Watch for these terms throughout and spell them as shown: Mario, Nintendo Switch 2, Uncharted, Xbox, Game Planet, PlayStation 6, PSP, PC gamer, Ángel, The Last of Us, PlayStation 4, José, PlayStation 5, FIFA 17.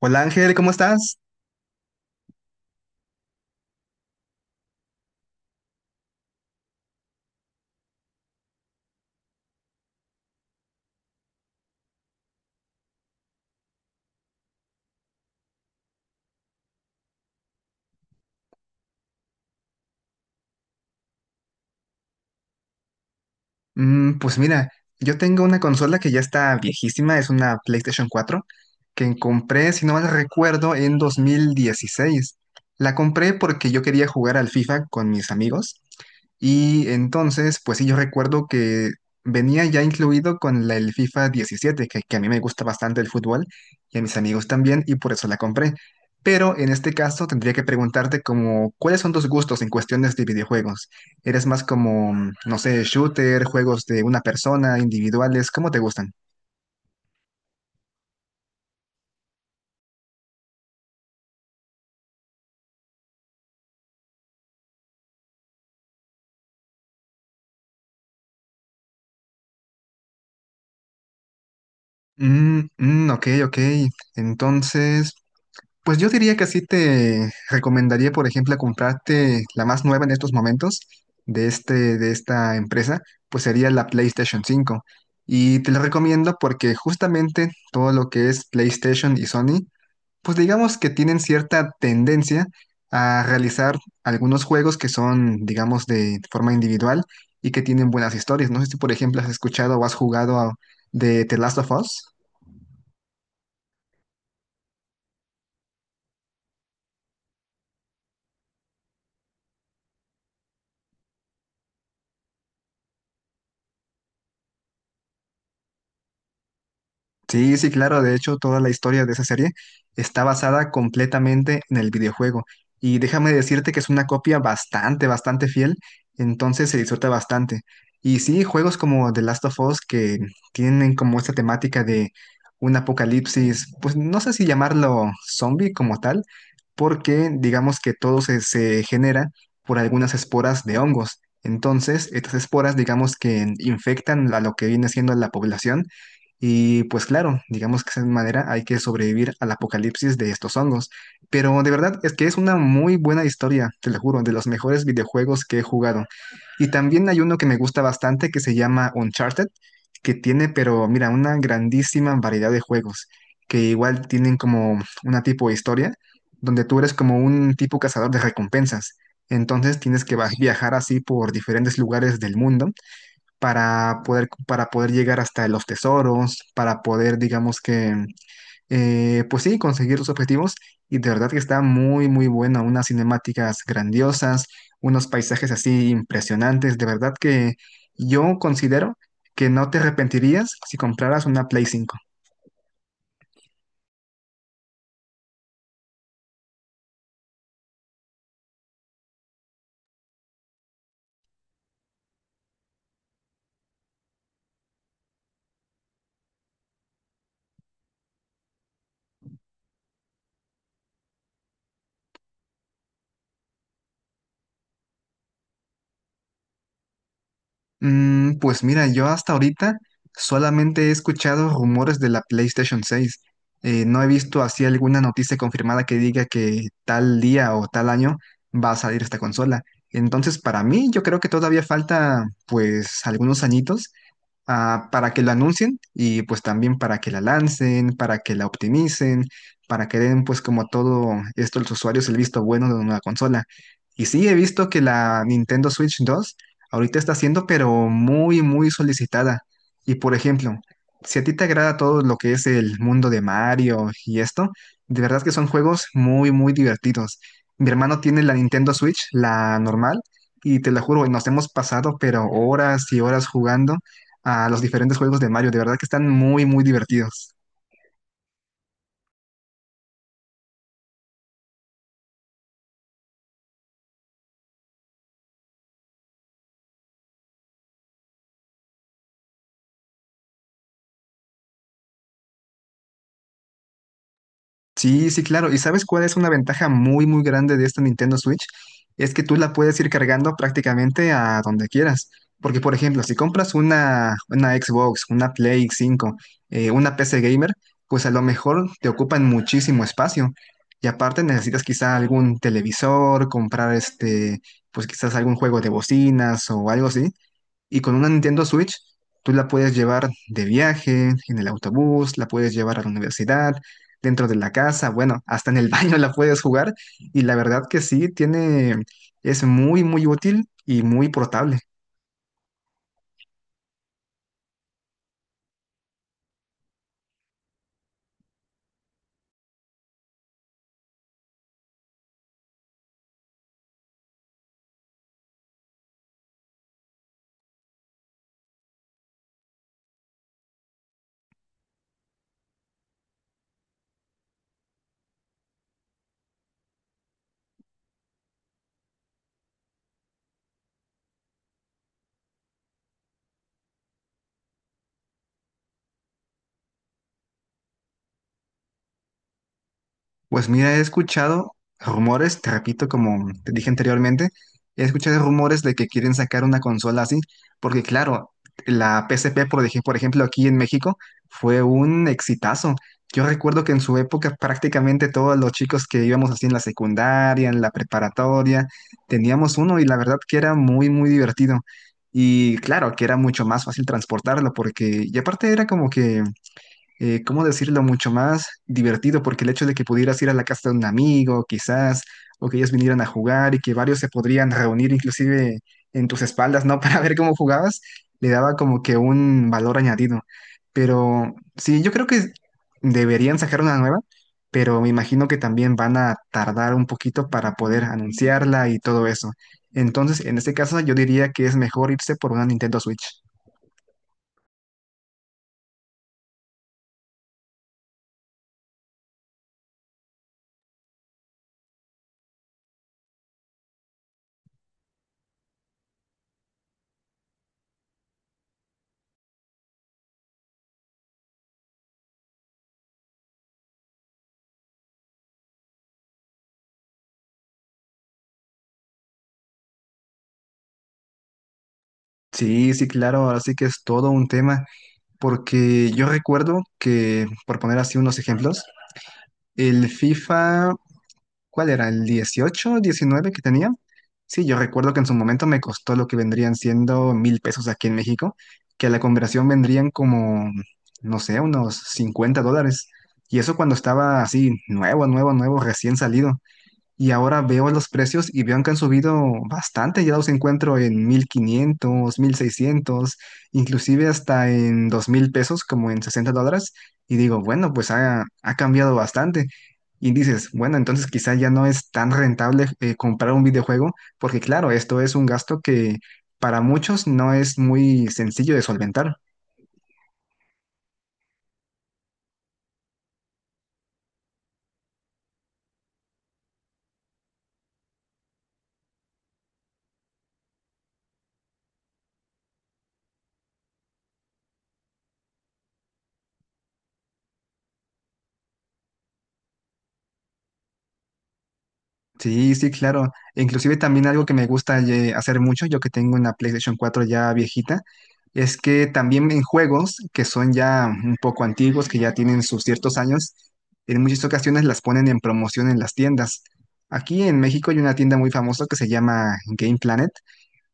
Hola Ángel, ¿cómo estás? Pues mira, yo tengo una consola que ya está viejísima, es una PlayStation 4, que compré, si no mal recuerdo, en 2016. La compré porque yo quería jugar al FIFA con mis amigos y entonces, pues sí, yo recuerdo que venía ya incluido con el FIFA 17, que a mí me gusta bastante el fútbol y a mis amigos también y por eso la compré. Pero en este caso tendría que preguntarte como, ¿cuáles son tus gustos en cuestiones de videojuegos? ¿Eres más como, no sé, shooter, juegos de una persona, individuales? ¿Cómo te gustan? Mm, mm, ok, ok. Entonces, pues yo diría que sí te recomendaría, por ejemplo, comprarte la más nueva en estos momentos de esta empresa, pues sería la PlayStation 5. Y te la recomiendo porque justamente todo lo que es PlayStation y Sony pues digamos que tienen cierta tendencia a realizar algunos juegos que son, digamos, de forma individual y que tienen buenas historias. No sé si, por ejemplo, has escuchado o has jugado de The Last of Us. Sí, sí, claro. De hecho, toda la historia de esa serie está basada completamente en el videojuego. Y déjame decirte que es una copia bastante, bastante fiel. Entonces se disfruta bastante. Y sí, juegos como The Last of Us que tienen como esta temática de un apocalipsis, pues no sé si llamarlo zombie como tal, porque digamos que todo se genera por algunas esporas de hongos. Entonces, estas esporas digamos que infectan a lo que viene siendo la población y pues claro, digamos que de esa manera hay que sobrevivir al apocalipsis de estos hongos. Pero de verdad es que es una muy buena historia, te lo juro, de los mejores videojuegos que he jugado. Y también hay uno que me gusta bastante que se llama Uncharted, que tiene, pero mira, una grandísima variedad de juegos, que igual tienen como una tipo de historia, donde tú eres como un tipo cazador de recompensas. Entonces tienes que viajar así por diferentes lugares del mundo para poder llegar hasta los tesoros, para poder, digamos que, pues sí, conseguir los objetivos. Y de verdad que está muy, muy buena, unas cinemáticas grandiosas, unos paisajes así impresionantes. De verdad que yo considero que no te arrepentirías si compraras una Play 5. Pues mira, yo hasta ahorita solamente he escuchado rumores de la PlayStation 6. No he visto así alguna noticia confirmada que diga que tal día o tal año va a salir esta consola. Entonces, para mí, yo creo que todavía falta pues algunos añitos para que lo anuncien y pues también para que la lancen, para que la optimicen, para que den pues como todo esto a los usuarios el visto bueno de una nueva consola. Y sí, he visto que la Nintendo Switch 2 ahorita está siendo pero muy, muy solicitada. Y por ejemplo, si a ti te agrada todo lo que es el mundo de Mario y esto, de verdad que son juegos muy, muy divertidos. Mi hermano tiene la Nintendo Switch, la normal, y te lo juro, nos hemos pasado pero horas y horas jugando a los diferentes juegos de Mario. De verdad que están muy, muy divertidos. Sí, sí, claro. ¿Y sabes cuál es una ventaja muy, muy grande de esta Nintendo Switch? Es que tú la puedes ir cargando prácticamente a donde quieras. Porque, por ejemplo, si compras una Xbox, una Play 5, una PC gamer, pues a lo mejor te ocupan muchísimo espacio. Y aparte necesitas quizá algún televisor, comprar este, pues quizás algún juego de bocinas o algo así. Y con una Nintendo Switch, tú la puedes llevar de viaje, en el autobús, la puedes llevar a la universidad, dentro de la casa, bueno, hasta en el baño la puedes jugar. Y la verdad que sí, tiene, es muy, muy útil y muy portable. Pues mira, he escuchado rumores, te repito, como te dije anteriormente, he escuchado rumores de que quieren sacar una consola así, porque claro, la PSP, por ejemplo, aquí en México, fue un exitazo. Yo recuerdo que en su época prácticamente todos los chicos que íbamos así en la secundaria, en la preparatoria, teníamos uno y la verdad que era muy, muy divertido. Y claro, que era mucho más fácil transportarlo, porque, y aparte era como que ¿cómo decirlo?, mucho más divertido, porque el hecho de que pudieras ir a la casa de un amigo, quizás, o que ellos vinieran a jugar y que varios se podrían reunir inclusive en tus espaldas, ¿no?, para ver cómo jugabas, le daba como que un valor añadido. Pero sí, yo creo que deberían sacar una nueva, pero me imagino que también van a tardar un poquito para poder anunciarla y todo eso. Entonces, en este caso, yo diría que es mejor irse por una Nintendo Switch. Sí, sí, claro, ahora sí que es todo un tema. Porque yo recuerdo que, por poner así unos ejemplos, el FIFA, ¿cuál era? ¿El 18, 19 que tenía? Sí, yo recuerdo que en su momento me costó lo que vendrían siendo 1,000 pesos aquí en México, que a la conversión vendrían como, no sé, unos 50 dólares. Y eso cuando estaba así, nuevo, nuevo, nuevo, recién salido. Y ahora veo los precios y veo que han subido bastante. Ya los encuentro en 1,500 1,600 inclusive hasta en 2,000 pesos, como en 60 dólares. Y digo, bueno, pues ha cambiado bastante. Y dices, bueno, entonces quizá ya no es tan rentable comprar un videojuego, porque claro, esto es un gasto que para muchos no es muy sencillo de solventar. Sí, sí, claro. Inclusive también algo que me gusta hacer mucho, yo que tengo una PlayStation 4 ya viejita, es que también en juegos que son ya un poco antiguos, que ya tienen sus ciertos años, en muchas ocasiones las ponen en promoción en las tiendas. Aquí en México hay una tienda muy famosa que se llama Game Planet,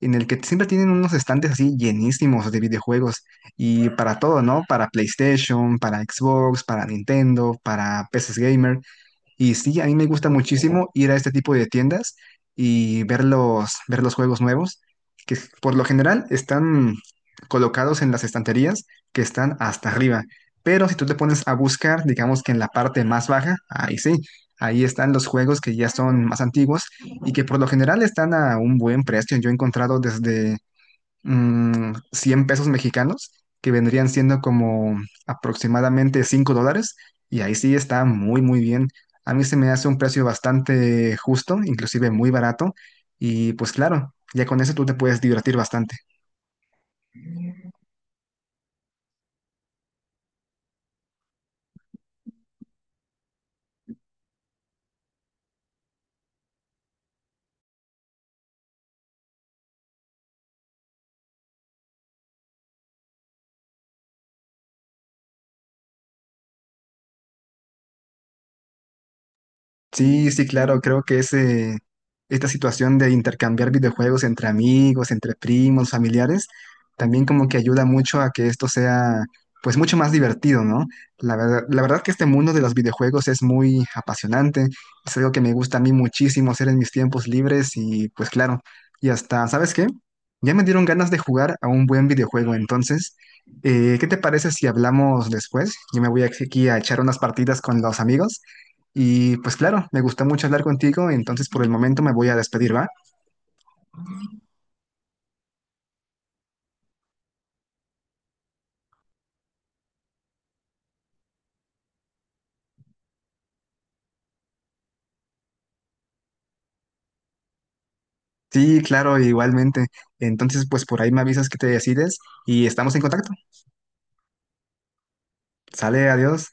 en el que siempre tienen unos estantes así llenísimos de videojuegos y para todo, ¿no? Para PlayStation, para Xbox, para Nintendo, para PCs Gamer. Y sí, a mí me gusta muchísimo ir a este tipo de tiendas y ver los juegos nuevos, que por lo general están colocados en las estanterías que están hasta arriba. Pero si tú te pones a buscar, digamos que en la parte más baja, ahí sí, ahí están los juegos que ya son más antiguos y que por lo general están a un buen precio. Yo he encontrado desde 100 pesos mexicanos, que vendrían siendo como aproximadamente 5 dólares, y ahí sí está muy, muy bien. A mí se me hace un precio bastante justo, inclusive muy barato, y pues claro, ya con eso tú te puedes divertir bastante. Sí, sí, claro, creo que esta situación de intercambiar videojuegos entre amigos, entre primos, familiares, también como que ayuda mucho a que esto sea, pues, mucho más divertido, ¿no? La verdad que este mundo de los videojuegos es muy apasionante, es algo que me gusta a mí muchísimo hacer en mis tiempos libres y, pues, claro, y hasta, ¿sabes qué? Ya me dieron ganas de jugar a un buen videojuego, entonces, ¿qué te parece si hablamos después? Yo me voy aquí a echar unas partidas con los amigos. Y pues claro, me gustó mucho hablar contigo, entonces por el momento me voy a despedir, ¿va? Sí, claro, igualmente. Entonces pues por ahí me avisas que te decides y estamos en contacto. Sale, adiós.